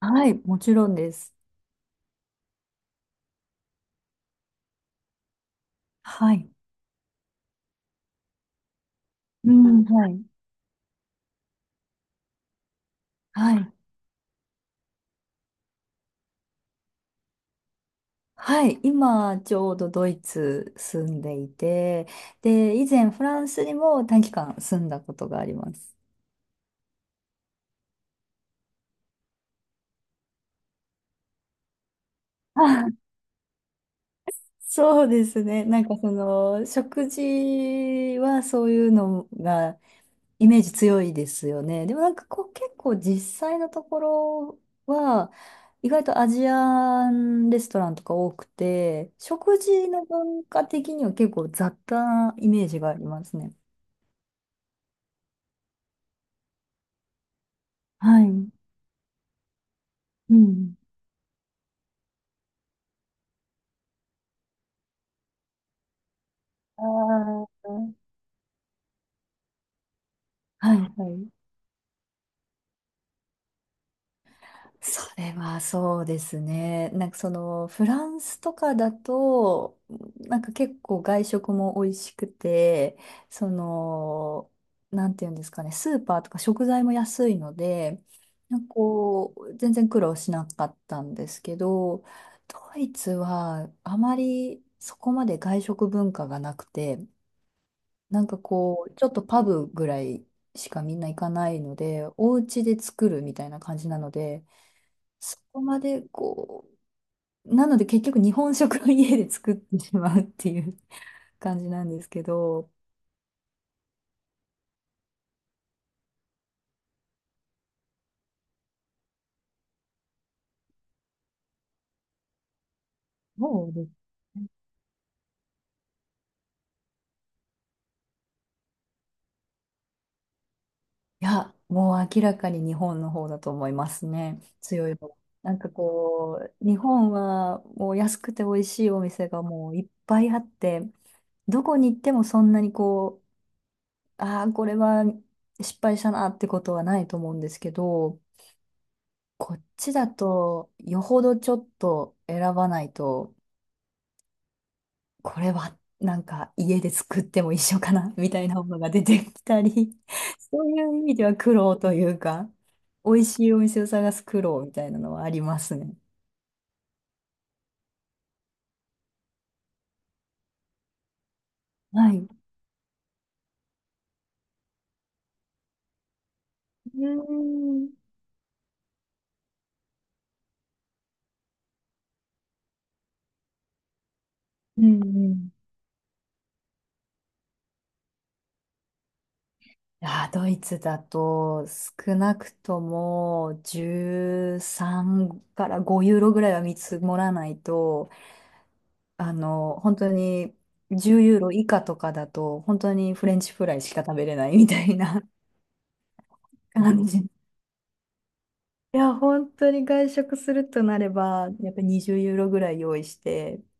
はい、もちろんです。はい。うん、はい。はい。はい。今、ちょうどドイツ住んでいて、で、以前フランスにも短期間住んだことがあります。あ、そうですね。なんかその、食事はそういうのが、イメージ強いですよね。でもなんかこう結構実際のところは意外とアジアンレストランとか多くて、食事の文化的には結構雑多なイメージがありますね。はい。うん。ああ。はいはい。それはそうですね。なんかそのフランスとかだと、なんか結構外食も美味しくて、その、なんていうんですかね、スーパーとか食材も安いので、なんかこう、全然苦労しなかったんですけど、ドイツはあまりそこまで外食文化がなくて、なんかこう、ちょっとパブぐらいしかみんな行かないので、お家で作るみたいな感じなので、そこまでこう、なので結局日本食を家で作ってしまうっていう感じなんですけど、もうね、いや、もう明らかに日本の方だと思いますね。強い方。なんかこう、日本はもう安くて美味しいお店がもういっぱいあって、どこに行ってもそんなにこう、ああ、これは失敗したなってことはないと思うんですけど、こっちだとよほどちょっと選ばないと、これはなんか家で作っても一緒かなみたいなものが出てきたり、そういう意味では苦労というか、美味しいお店を探す苦労みたいなのはありますね。はい。うーん。うんうん。あー、ドイツだと少なくとも13から5ユーロぐらいは見積もらないと、あの、本当に10ユーロ以下とかだと、本当にフレンチフライしか食べれないみたいな感じ。いや、本当に外食するとなれば、やっぱり20ユーロぐらい用意してっ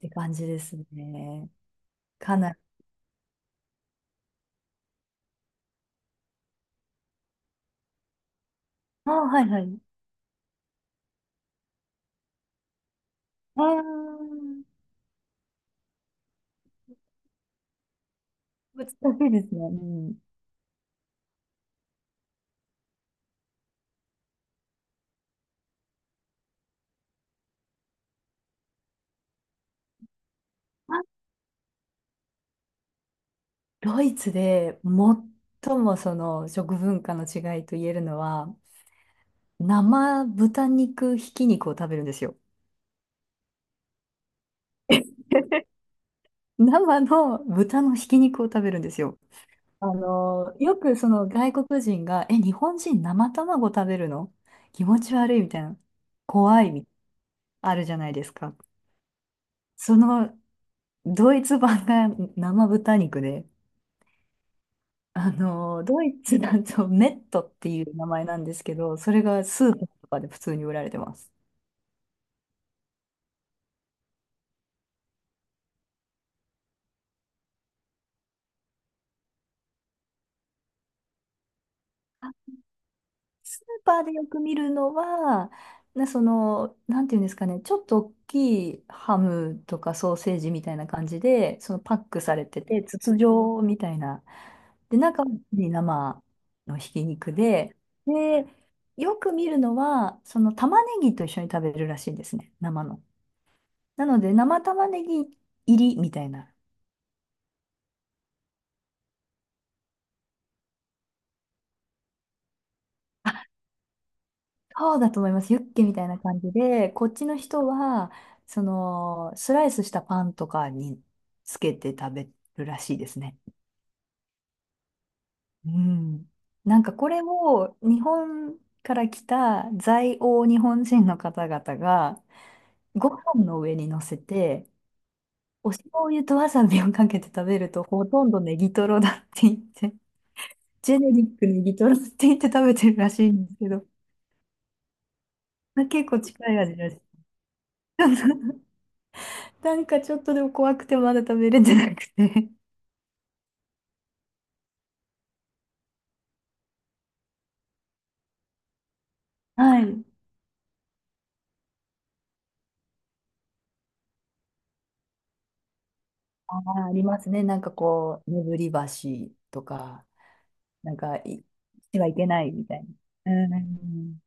て感じですね。かなり。ああ、はいはい。ああ、難しいですね。うん。あ、ドイツで最もその食文化の違いと言えるのは、生豚肉ひき肉を食べるんですよ。生の豚のひき肉を食べるんですよ。あの、よくその外国人が、え、日本人生卵食べるの気持ち悪いみたいな、怖いみたいな、あるじゃないですか。そのドイツ版が 生豚肉で、あの、ドイツだとメットっていう名前なんですけど、それがスーパーとかで普通に売られてます。ーパーでよく見るのは、その、なんていうんですかね、ちょっと大きいハムとかソーセージみたいな感じで、そのパックされてて、筒状みたいな。で、中に生のひき肉で、で、よく見るのは、その玉ねぎと一緒に食べるらしいんですね、生の。なので、生玉ねぎ入りみたいな。そうだと思います。ユッケみたいな感じで、こっちの人は、その、スライスしたパンとかにつけて食べるらしいですね。うん。なんかこれを日本から来た在欧日本人の方々がご飯の上に乗せて、お醤油とわさびをかけて食べるとほとんどネギトロだって言って、ジェネリックネギトロって言って食べてるらしいんですけど、まあ結構近い味だしなんかちょっとでも怖くてまだ食べれてなくて。はい。あー、ありますね。なんかこう、眠り橋とか、なんかい、してはいけないみたいな。うん。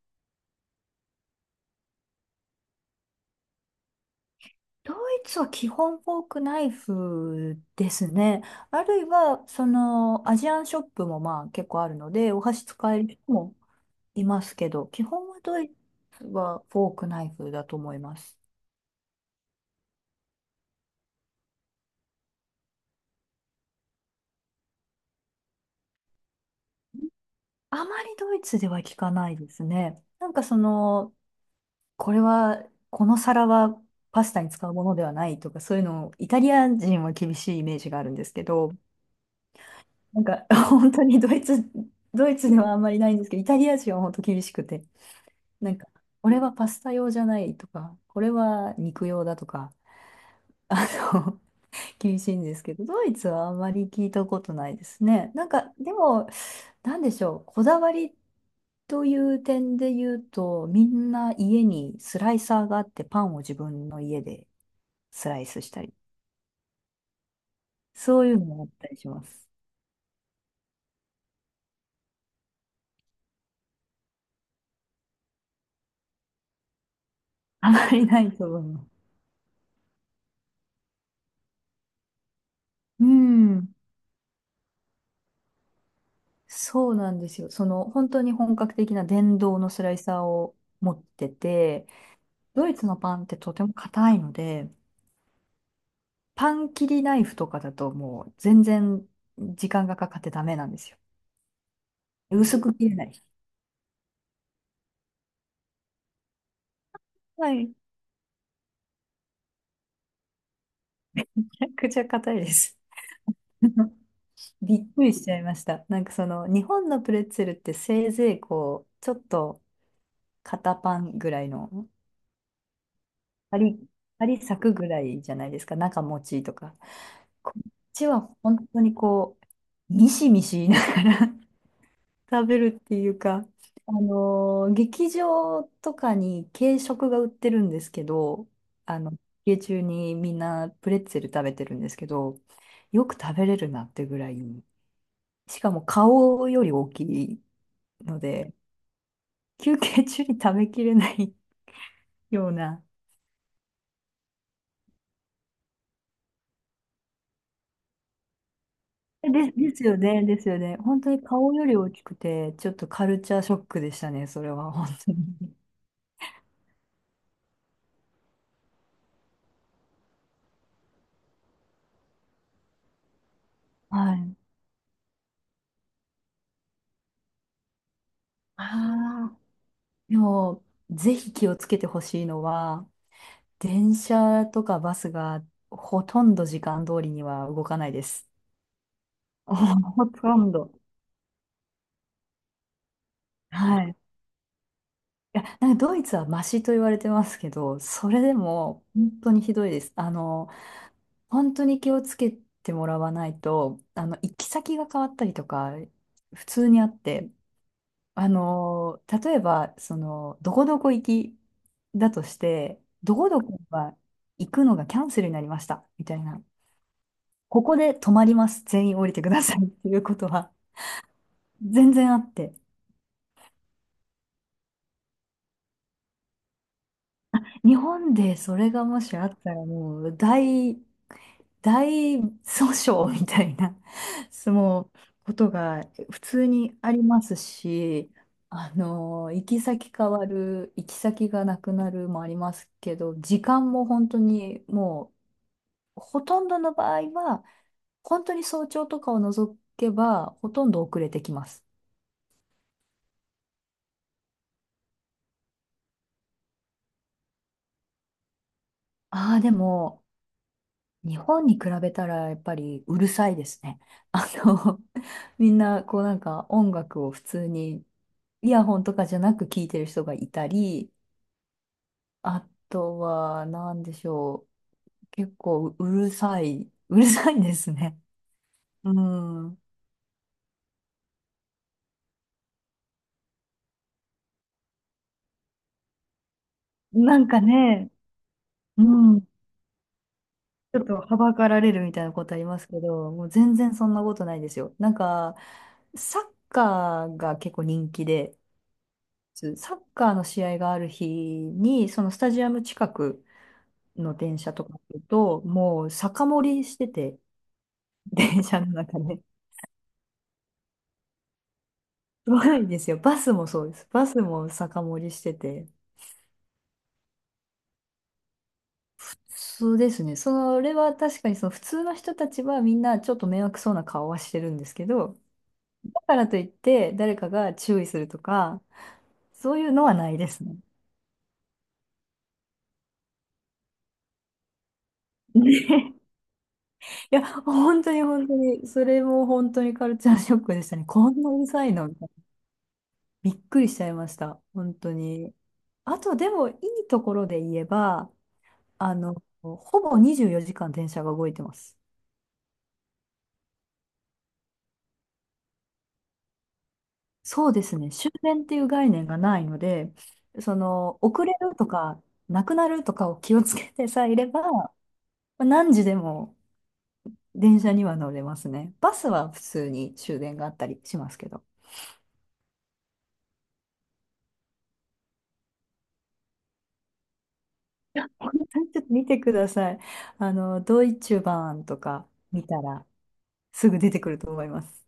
ドイツは基本フォークナイフですね。あるいは、その、アジアンショップもまあ結構あるので、お箸使える人もいますけど、基本はドイツはフォークナイフだと思います。あまりドイツでは聞かないですね。なんかその、これは、この皿はパスタに使うものではないとか、そういうのを、イタリア人は厳しいイメージがあるんですけど、なんか 本当にドイツではあんまりないんですけど、イタリア人は本当厳しくて、なんか、これはパスタ用じゃないとか、これは肉用だとか、あの、厳しいんですけど、ドイツはあんまり聞いたことないですね。なんか、でも、なんでしょう、こだわりという点で言うと、みんな家にスライサーがあって、パンを自分の家でスライスしたり。そういうのもあったりします。あまりないと思います。うん。そうなんですよ。その、本当に本格的な電動のスライサーを持ってて、ドイツのパンってとても硬いので、パン切りナイフとかだともう全然時間がかかってダメなんですよ。薄く切れないし。はい。めちゃくちゃ硬いです。びっくりしちゃいました。なんかその日本のプレッツェルってせいぜいこうちょっと肩パンぐらいの針、針咲くぐらいじゃないですか、中持ちとか。こっちは本当にこう、ミシミシ言いながら 食べるっていうか、あのー劇場とかに軽食が売ってるんですけど、あの、休憩中にみんなプレッツェル食べてるんですけど、よく食べれるなってぐらい、しかも顔より大きいので、休憩中に食べきれないような、で、ですよね、ですよね。本当に顔より大きくて、ちょっとカルチャーショックでしたね、それは、本当に。はい。ああ、でも、ぜひ気をつけてほしいのは、電車とかバスがほとんど時間通りには動かないです。ほほとんど。はい。いや、なんかドイツはマシと言われてますけど、それでも本当にひどいです。あの、本当に気をつけてもらわないと、あの、行き先が変わったりとか、普通にあって、あのー、例えば、その、どこどこ行きだとして、どこどこは行くのがキャンセルになりました、みたいな。ここで止まります。全員降りてくださいっていうことは全然あって。日本でそれがもしあったらもう大訴訟みたいな、そのことが普通にありますし、あの、行き先変わる、行き先がなくなるもありますけど、時間も本当にもう、ほとんどの場合は、本当に早朝とかを除けば、ほとんど遅れてきます。ああ、でも、日本に比べたらやっぱりうるさいですね。あの、みんなこうなんか音楽を普通にイヤホンとかじゃなく聞いてる人がいたり、あとは何でしょう、結構うるさい、うるさいですね。うん。なんかね、うん、ちょっとはばかられるみたいなことありますけど、もう全然そんなことないですよ。なんか、サッカーが結構人気で、サッカーの試合がある日に、そのスタジアム近くの電車とか乗ると、もう酒盛りしてて、電車の中で。すごいですよ。バスもそうです。バスも酒盛りしてて。そうですね。それは確かにその普通の人たちはみんなちょっと迷惑そうな顔はしてるんですけど、だからといって誰かが注意するとか、そういうのはないですね。ね。いや、本当に本当に、それも本当にカルチャーショックでしたね。こんなうるさいの。びっくりしちゃいました。本当に。あと、でも、いいところで言えば、あの、ほぼ24時間電車が動いてます。そうですね。終電っていう概念がないので、その、遅れるとか、なくなるとかを気をつけてさえいれば、まあ何時でも電車には乗れますね。バスは普通に終電があったりしますけど。ちょっと見てください。あの、ドイツ版とか見たら、すぐ出てくると思います。